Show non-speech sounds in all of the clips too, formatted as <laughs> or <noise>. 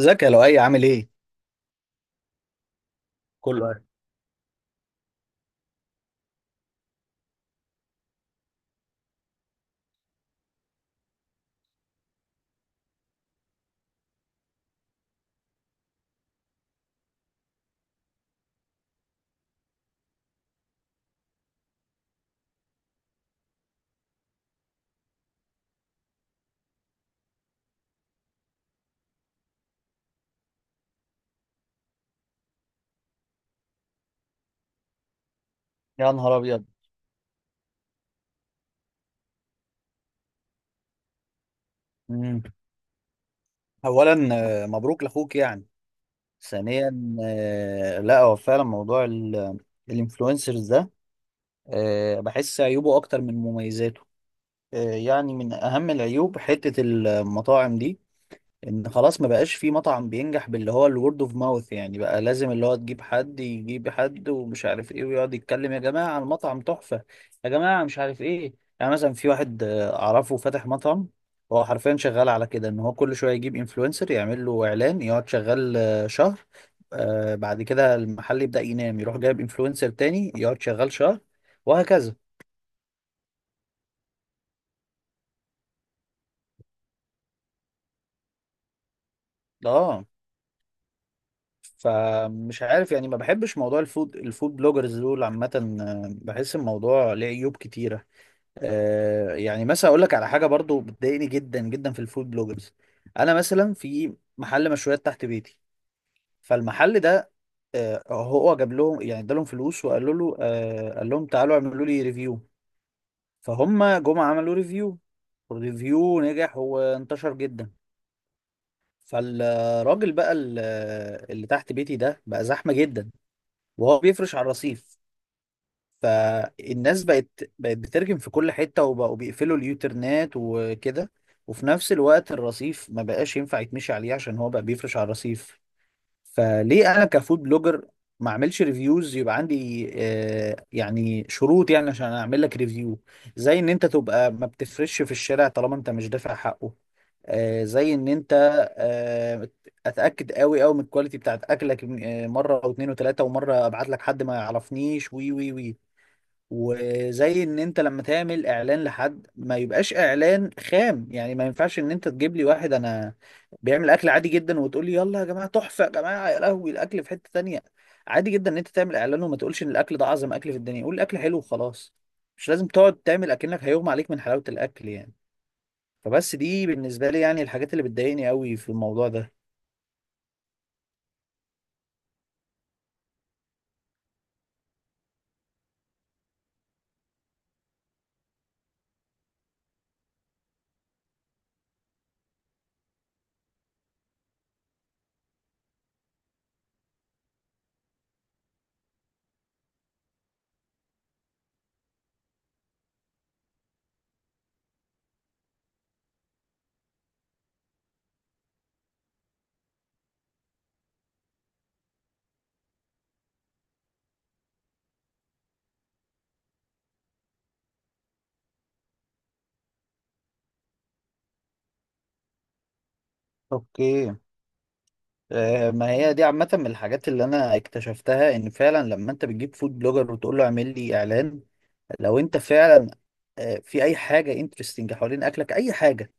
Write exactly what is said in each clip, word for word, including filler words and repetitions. ازيك يا لؤي عامل ايه؟ كله عارف. يا نهار ابيض. مم. اولا، آه، مبروك لاخوك يعني. ثانيا، آه، لا هو فعلا موضوع ال- الانفلونسرز ده. آه، بحس عيوبه اكتر من مميزاته. آه، يعني من اهم العيوب حتة المطاعم دي ان خلاص ما بقاش في مطعم بينجح باللي هو الورد اوف ماوث، يعني بقى لازم اللي هو تجيب حد يجيب حد ومش عارف ايه ويقعد يتكلم يا جماعة المطعم تحفة، يا جماعة مش عارف ايه. يعني مثلا في واحد آه، اعرفه فاتح مطعم. هو حرفيا شغال على كده ان هو كل شوية يجيب انفلونسر يعمل له اعلان يقعد شغال آه، شهر. آه، بعد كده المحل يبدأ ينام، يروح جايب انفلونسر تاني يقعد شغال شهر، وهكذا. اه، فمش عارف يعني ما بحبش موضوع الفود الفود بلوجرز دول عامة. آه، بحس الموضوع ليه عيوب كتيرة. آه، يعني مثلا اقول لك على حاجة برضو بتضايقني جدا جدا في الفود بلوجرز. انا مثلا في محل مشويات تحت بيتي، فالمحل ده آه، هو جاب لهم يعني ادالهم فلوس وقالوا له آه، قال لهم تعالوا اعملوا لي ريفيو، فهم جم عملوا ريفيو والريفيو نجح وانتشر جدا. فالراجل بقى ال- اللي تحت بيتي ده بقى زحمة جدا وهو بيفرش على الرصيف. فالناس بقت بقت بترجم في كل حتة وبقوا بيقفلوا اليوترنات وكده، وفي نفس الوقت الرصيف ما بقاش ينفع يتمشي عليه عشان هو بقى بيفرش على الرصيف. فليه انا كفود بلوجر ما اعملش ريفيوز يبقى عندي آه، يعني شروط، يعني عشان اعمل لك ريفيو. زي ان انت تبقى ما بتفرش في الشارع طالما انت مش دافع حقه. آه، زي ان انت آه، اتاكد قوي قوي من الكواليتي بتاعت اكلك آه، مره او اتنين وتلاته، ومره ابعت لك حد ما يعرفنيش وي وي وي. وزي ان انت لما تعمل اعلان لحد ما يبقاش اعلان خام، يعني ما ينفعش ان انت تجيب لي واحد انا بيعمل اكل عادي جدا وتقول لي يلا يا جماعه تحفه يا جماعه يا لهوي الاكل في حته تانية. عادي جدا ان انت تعمل اعلان وما تقولش ان الاكل ده اعظم اكل في الدنيا، قول الاكل حلو وخلاص، مش لازم تقعد تعمل اكنك هيغمى عليك من حلاوه الاكل يعني. فبس دي بالنسبه لي يعني الحاجات اللي بتضايقني قوي في الموضوع ده. اوكي. آه، ما هي دي عامة من الحاجات اللي أنا اكتشفتها إن فعلا لما أنت بتجيب فود بلوجر وتقول له اعمل لي إعلان. لو انت فعلا آه، في اي حاجه انترستنج حوالين اكلك، اي حاجه،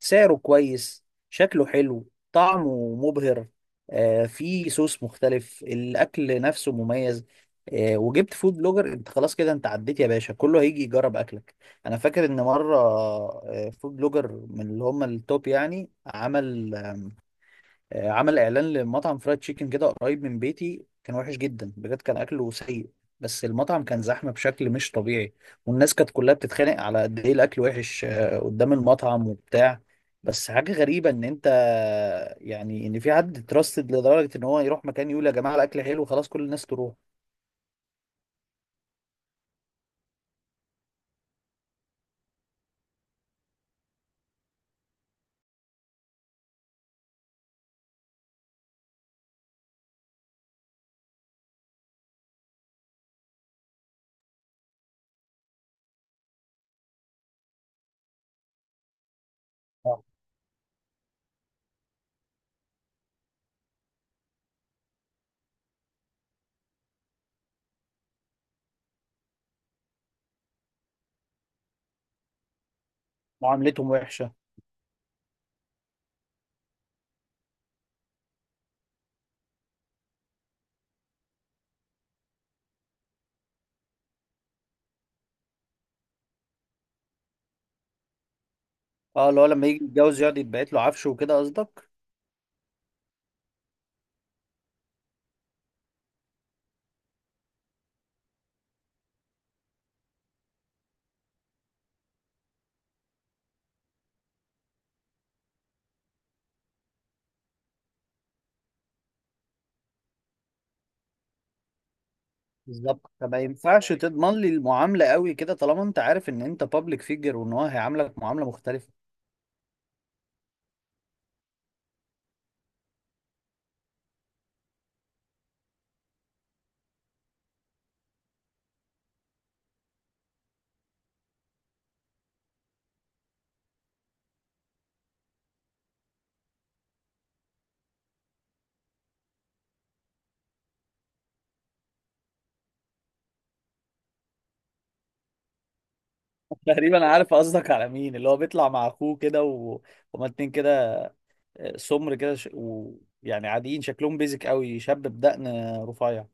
سعره كويس شكله حلو طعمه مبهر، آه، في صوص مختلف الاكل نفسه مميز، آه، وجبت فود بلوجر، انت خلاص كده انت عديت يا باشا، كله هيجي يجرب اكلك. انا فاكر ان مره آه، فود بلوجر من اللي هم التوب يعني عمل آه، عمل اعلان لمطعم فرايد تشيكن كده قريب من بيتي، كان وحش جدا بجد كان اكله سيء، بس المطعم كان زحمه بشكل مش طبيعي. والناس كانت كلها بتتخانق على قد ايه الاكل وحش آه، قدام المطعم وبتاع. بس حاجه غريبه ان انت يعني ان في حد تراستد لدرجه ان هو يروح مكان يقول يا جماعه الاكل حلو خلاص كل الناس تروح. آه، معاملتهم وحشه. اه، اللي هو لما يجي يتجوز يقعد يتبعت له عفشه وكده قصدك؟ بالظبط، فما ينفعش تضمن لي المعامله قوي كده طالما انت عارف ان انت بابليك فيجر وان هو هيعاملك معامله مختلفه. <laughs> تقريبا عارف قصدك على مين، اللي هو بيطلع مع اخوه كده. و... هما اتنين كده، آه، سمر كده. ش... و... يعني عاديين شكلهم بيزك قوي، شاب بدقن رفيع.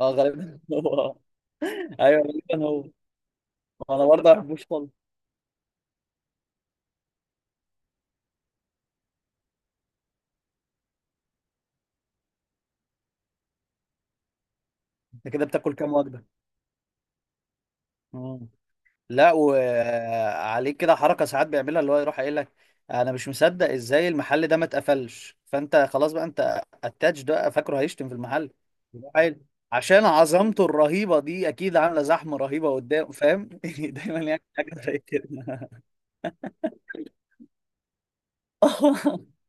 اه غالبا <laughs> هو. ايوه غالبا هو. انا برضه ما بحبوش خالص. انت كده بتاكل كام وجبه؟ مم. لا، وعليه كده حركه ساعات بيعملها اللي هو يروح قايل لك انا مش مصدق ازاي المحل ده ما اتقفلش، فانت خلاص بقى انت اتاتش ده، فاكره هيشتم في المحل؟ يروح قايل عشان عظمته الرهيبه دي اكيد عامله زحمه رهيبه قدام، فاهم؟ <laughs> دايما يعني حاجه زي كده. <laughs>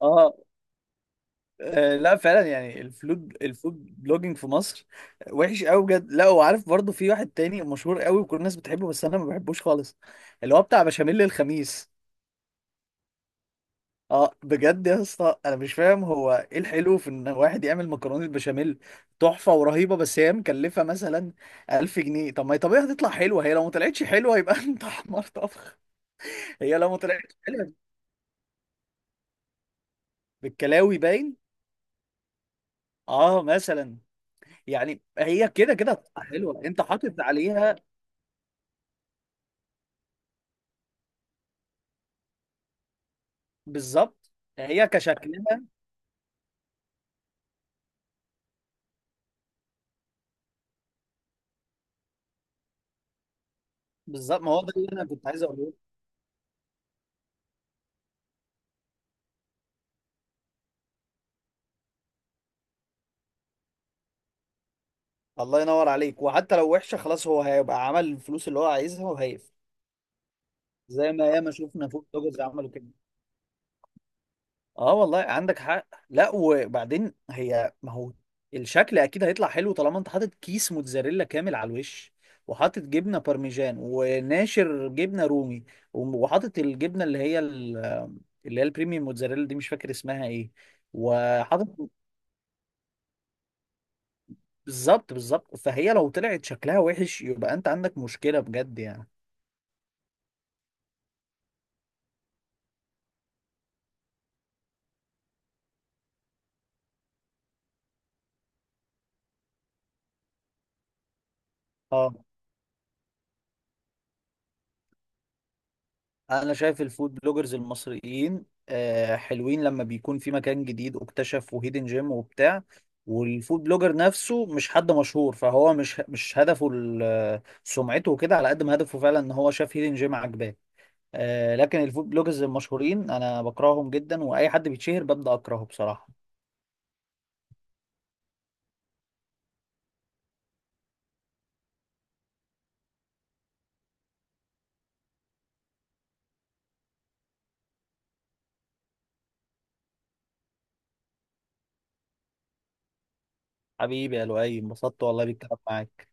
اه. آه، لا فعلا يعني الفود الفود بلوجينج في مصر وحش قوي بجد. لا، وعارف برضو في واحد تاني مشهور قوي وكل الناس بتحبه بس انا ما بحبوش خالص، اللي هو بتاع بشاميل الخميس. اه بجد يا اسطى انا مش فاهم هو ايه الحلو في ان واحد يعمل مكرونه بشاميل تحفه ورهيبه بس هي مكلفه مثلا ألف جنيه. طب ما هي طبيعي هتطلع حلوه، هي لو ما طلعتش حلوه يبقى <laughs> انت حمار طبخ. هي لو ما طلعتش حلوه بالكلاوي باين. اه مثلا، يعني هي كده كده هتطلع حلوه انت حاطط عليها. بالظبط، هي كشكلها. بالظبط، ما هو ده اللي انا كنت عايز اقوله. الله ينور عليك. وحتى لو وحشه خلاص هو هيبقى عمل الفلوس اللي هو عايزها وهيقفل، زي ما ياما شفنا فوق توجز عملوا كده. اه والله عندك حق. لا وبعدين هي ما هو الشكل اكيد هيطلع حلو طالما انت حاطط كيس موتزاريلا كامل على الوش، وحاطط جبنه بارميجان وناشر جبنه رومي، وحاطط الجبنه اللي هي ال- اللي هي البريميوم موتزاريلا دي مش فاكر اسمها ايه، وحاطط. بالظبط بالظبط، فهي لو طلعت شكلها وحش يبقى انت عندك مشكلة بجد يعني. اه، انا شايف الفود بلوجرز المصريين آه حلوين لما بيكون في مكان جديد اكتشف وهيدن جيم وبتاع، والفود بلوجر نفسه مش حد مشهور فهو مش مش هدفه ال- سمعته وكده على قد ما هدفه فعلا ان هو شاف هيدن جيم عجباه. آه لكن الفود بلوجرز المشهورين انا بكرههم جدا واي حد بيتشهر ببدأ اكرهه بصراحة. حبيبي يا لؤي، انبسطت والله بالكلام معاك.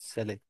سلام.